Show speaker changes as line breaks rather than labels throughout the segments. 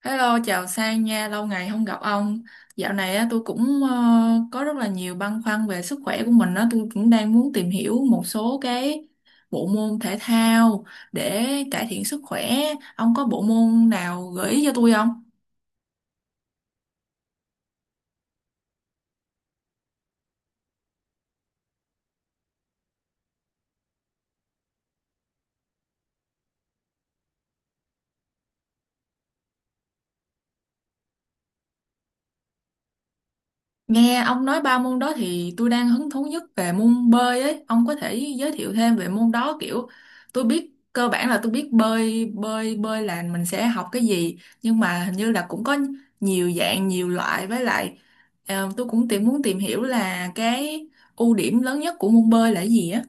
Hello, chào Sang nha, lâu ngày không gặp ông. Dạo này á, tôi cũng có rất là nhiều băn khoăn về sức khỏe của mình á, tôi cũng đang muốn tìm hiểu một số cái bộ môn thể thao để cải thiện sức khỏe. Ông có bộ môn nào gợi ý cho tôi không? Nghe ông nói ba môn đó thì tôi đang hứng thú nhất về môn bơi ấy. Ông có thể giới thiệu thêm về môn đó, kiểu tôi biết cơ bản là tôi biết bơi bơi bơi là mình sẽ học cái gì, nhưng mà hình như là cũng có nhiều dạng nhiều loại với lại. Tôi cũng muốn tìm hiểu là cái ưu điểm lớn nhất của môn bơi là cái gì á.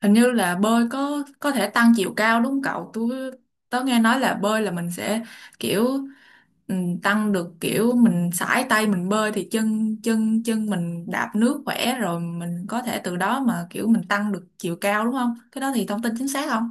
Hình như là bơi có thể tăng chiều cao đúng không cậu? Tớ nghe nói là bơi là mình sẽ kiểu ừ, tăng được, kiểu mình sải tay mình bơi thì chân chân chân mình đạp nước khỏe, rồi mình có thể từ đó mà kiểu mình tăng được chiều cao đúng không? Cái đó thì thông tin chính xác không?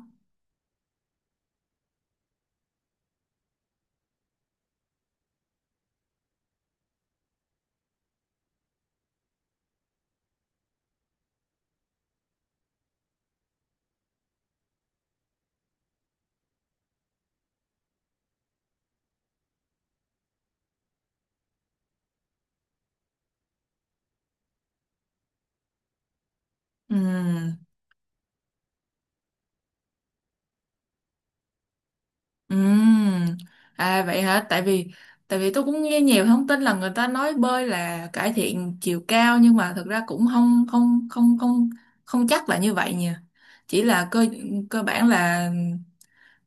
Ừ. Ừm, À vậy hả? Tại vì tôi cũng nghe nhiều thông tin là người ta nói bơi là cải thiện chiều cao, nhưng mà thực ra cũng không không không không không chắc là như vậy nhỉ. Chỉ là cơ cơ bản là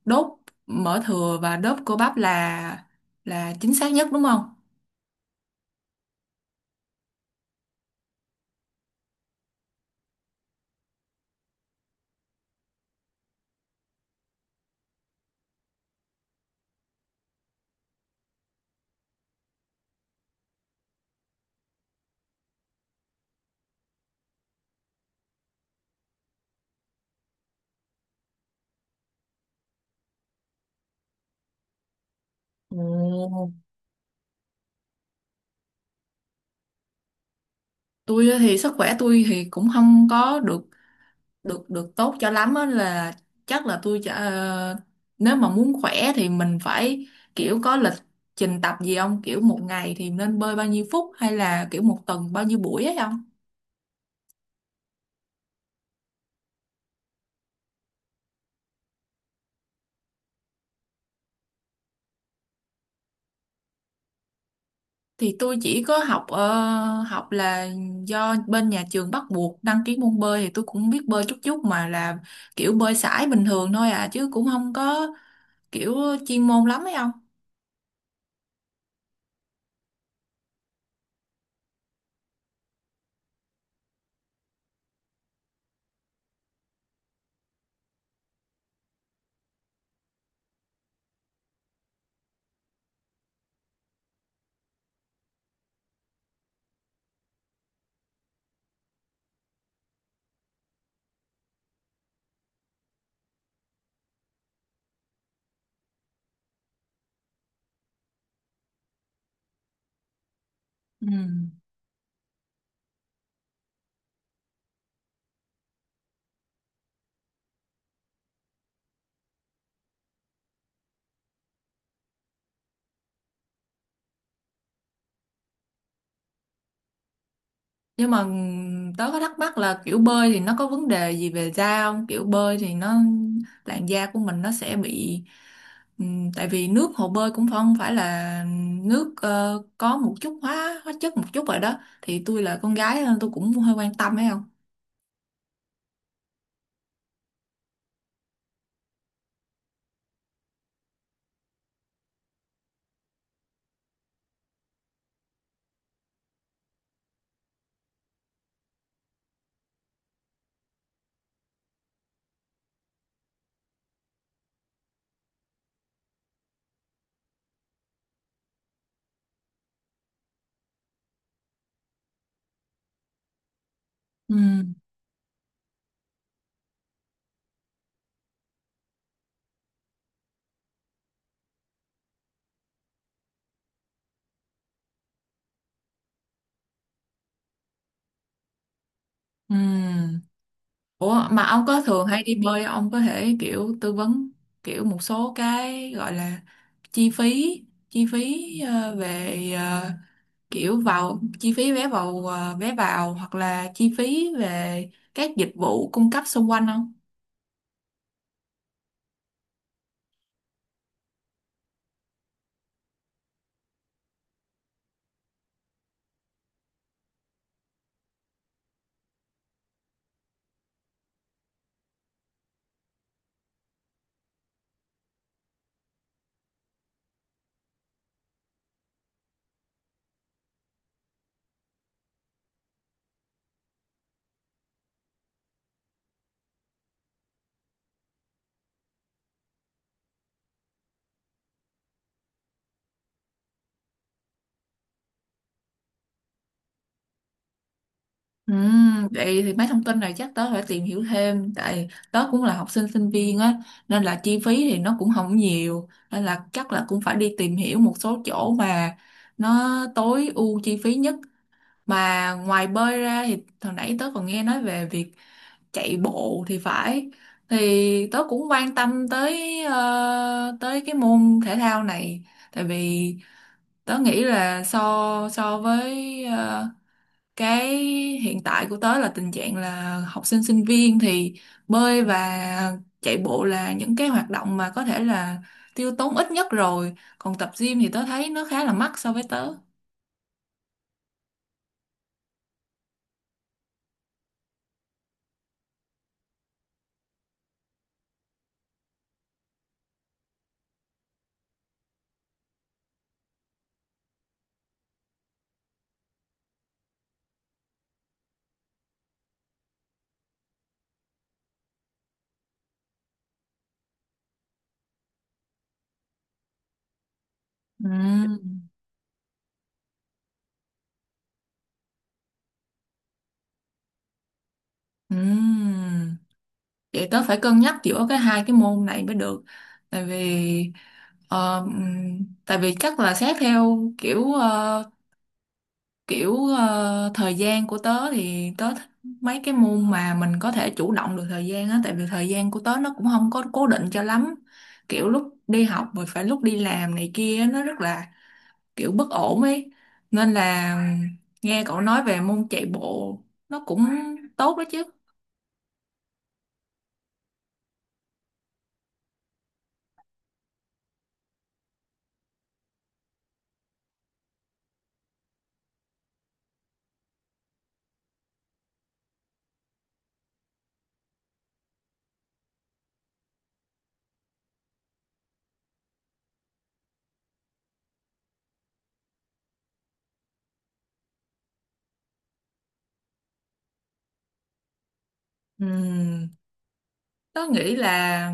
đốt mỡ thừa và đốt cơ bắp là chính xác nhất đúng không? Ồ. Tôi thì sức khỏe tôi thì cũng không có được được được tốt cho lắm á, là chắc là tôi nếu mà muốn khỏe thì mình phải kiểu có lịch trình tập gì không, kiểu một ngày thì nên bơi bao nhiêu phút hay là kiểu một tuần bao nhiêu buổi ấy không? Thì tôi chỉ có học là do bên nhà trường bắt buộc đăng ký môn bơi thì tôi cũng biết bơi chút chút, mà là kiểu bơi sải bình thường thôi à, chứ cũng không có kiểu chuyên môn lắm ấy không? Ừ. Nhưng mà tớ có thắc mắc là kiểu bơi thì nó có vấn đề gì về da không, kiểu bơi thì nó làn da của mình nó sẽ bị, tại vì nước hồ bơi cũng không phải là nước, có một chút hóa hóa chất một chút rồi đó, thì tôi là con gái nên tôi cũng hơi quan tâm ấy không? Ừ. Ừ. Ủa mà ông có thường hay đi bơi không? Ông có thể kiểu tư vấn kiểu một số cái gọi là chi phí, chi phí về kiểu vào chi phí vé vào hoặc là chi phí về các dịch vụ cung cấp xung quanh không? Ừ, vậy thì mấy thông tin này chắc tớ phải tìm hiểu thêm, tại tớ cũng là học sinh sinh viên á, nên là chi phí thì nó cũng không nhiều, nên là chắc là cũng phải đi tìm hiểu một số chỗ mà nó tối ưu chi phí nhất. Mà ngoài bơi ra thì hồi nãy tớ còn nghe nói về việc chạy bộ thì phải, thì tớ cũng quan tâm tới, tới cái môn thể thao này, tại vì tớ nghĩ là so so với, cái hiện tại của tớ là tình trạng là học sinh sinh viên thì bơi và chạy bộ là những cái hoạt động mà có thể là tiêu tốn ít nhất, rồi còn tập gym thì tớ thấy nó khá là mắc so với tớ. Ừm, ừm. Vậy tớ phải cân nhắc giữa cái hai cái môn này mới được, tại vì tại vì chắc là xét theo kiểu thời gian của tớ thì tớ thích mấy cái môn mà mình có thể chủ động được thời gian á, tại vì thời gian của tớ nó cũng không có cố định cho lắm, kiểu lúc đi học rồi phải lúc đi làm này kia á, nó rất là kiểu bất ổn ấy, nên là nghe cậu nói về môn chạy bộ nó cũng tốt đó chứ. Ừm, Tớ nghĩ là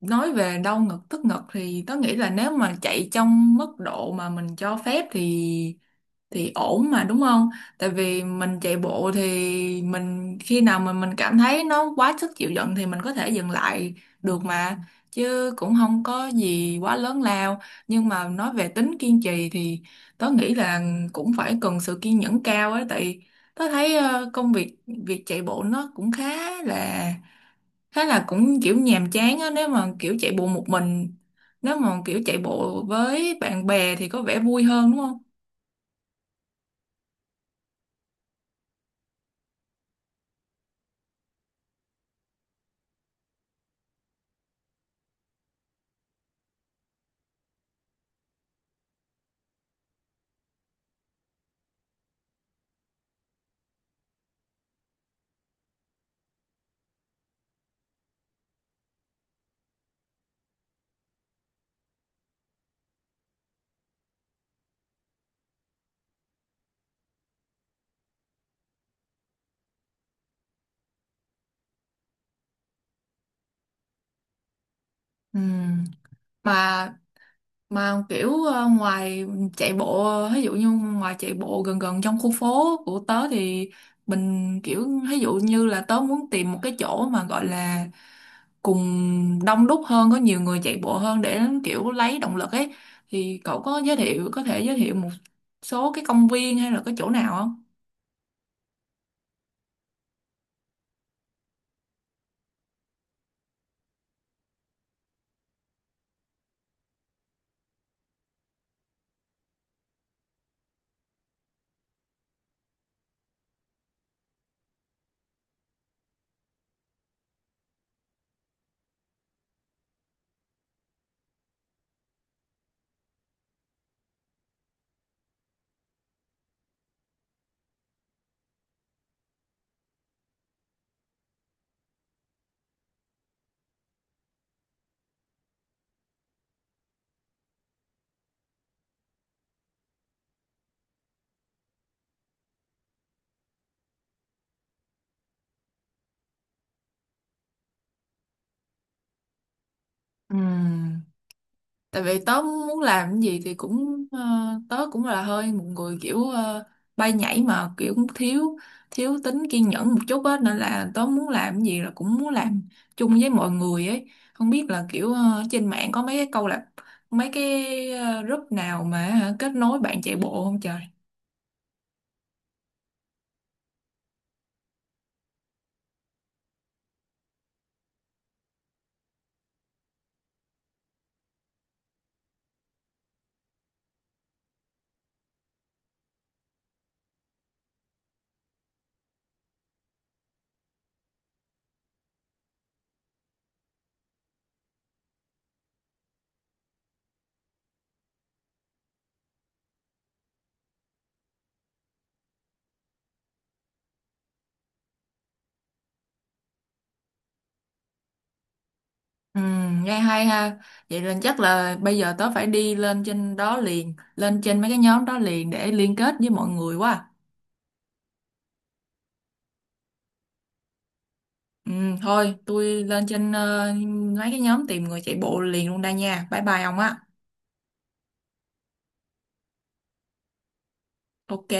nói về đau ngực tức ngực thì tớ nghĩ là nếu mà chạy trong mức độ mà mình cho phép thì ổn mà đúng không? Tại vì mình chạy bộ thì mình khi nào mà mình cảm thấy nó quá sức chịu đựng thì mình có thể dừng lại được mà, chứ cũng không có gì quá lớn lao. Nhưng mà nói về tính kiên trì thì tớ nghĩ là cũng phải cần sự kiên nhẫn cao ấy, tại tớ thấy công việc việc chạy bộ nó cũng khá là thế là cũng kiểu nhàm chán á, nếu mà kiểu chạy bộ một mình. Nếu mà kiểu chạy bộ với bạn bè thì có vẻ vui hơn đúng không? Ừ. mà mà kiểu ngoài chạy bộ, ví dụ như ngoài chạy bộ gần gần trong khu phố của tớ thì mình kiểu ví dụ như là tớ muốn tìm một cái chỗ mà gọi là cùng đông đúc hơn, có nhiều người chạy bộ hơn để kiểu lấy động lực ấy, thì cậu có giới thiệu có thể giới thiệu một số cái công viên hay là cái chỗ nào không? Ừ. Tại vì tớ muốn làm cái gì thì cũng, tớ cũng là hơi một người kiểu bay nhảy, mà kiểu cũng thiếu thiếu tính kiên nhẫn một chút á, nên là tớ muốn làm cái gì là cũng muốn làm chung với mọi người ấy, không biết là kiểu trên mạng có mấy cái câu lạc mấy cái ờ, group nào mà hả, kết nối bạn chạy bộ không trời? Ừ, nghe hay ha. Vậy nên chắc là bây giờ tớ phải đi lên trên đó liền, lên trên mấy cái nhóm đó liền để liên kết với mọi người quá. Ừ, thôi tôi lên trên mấy cái nhóm tìm người chạy bộ liền luôn đây nha. Bye bye ông á. Ok.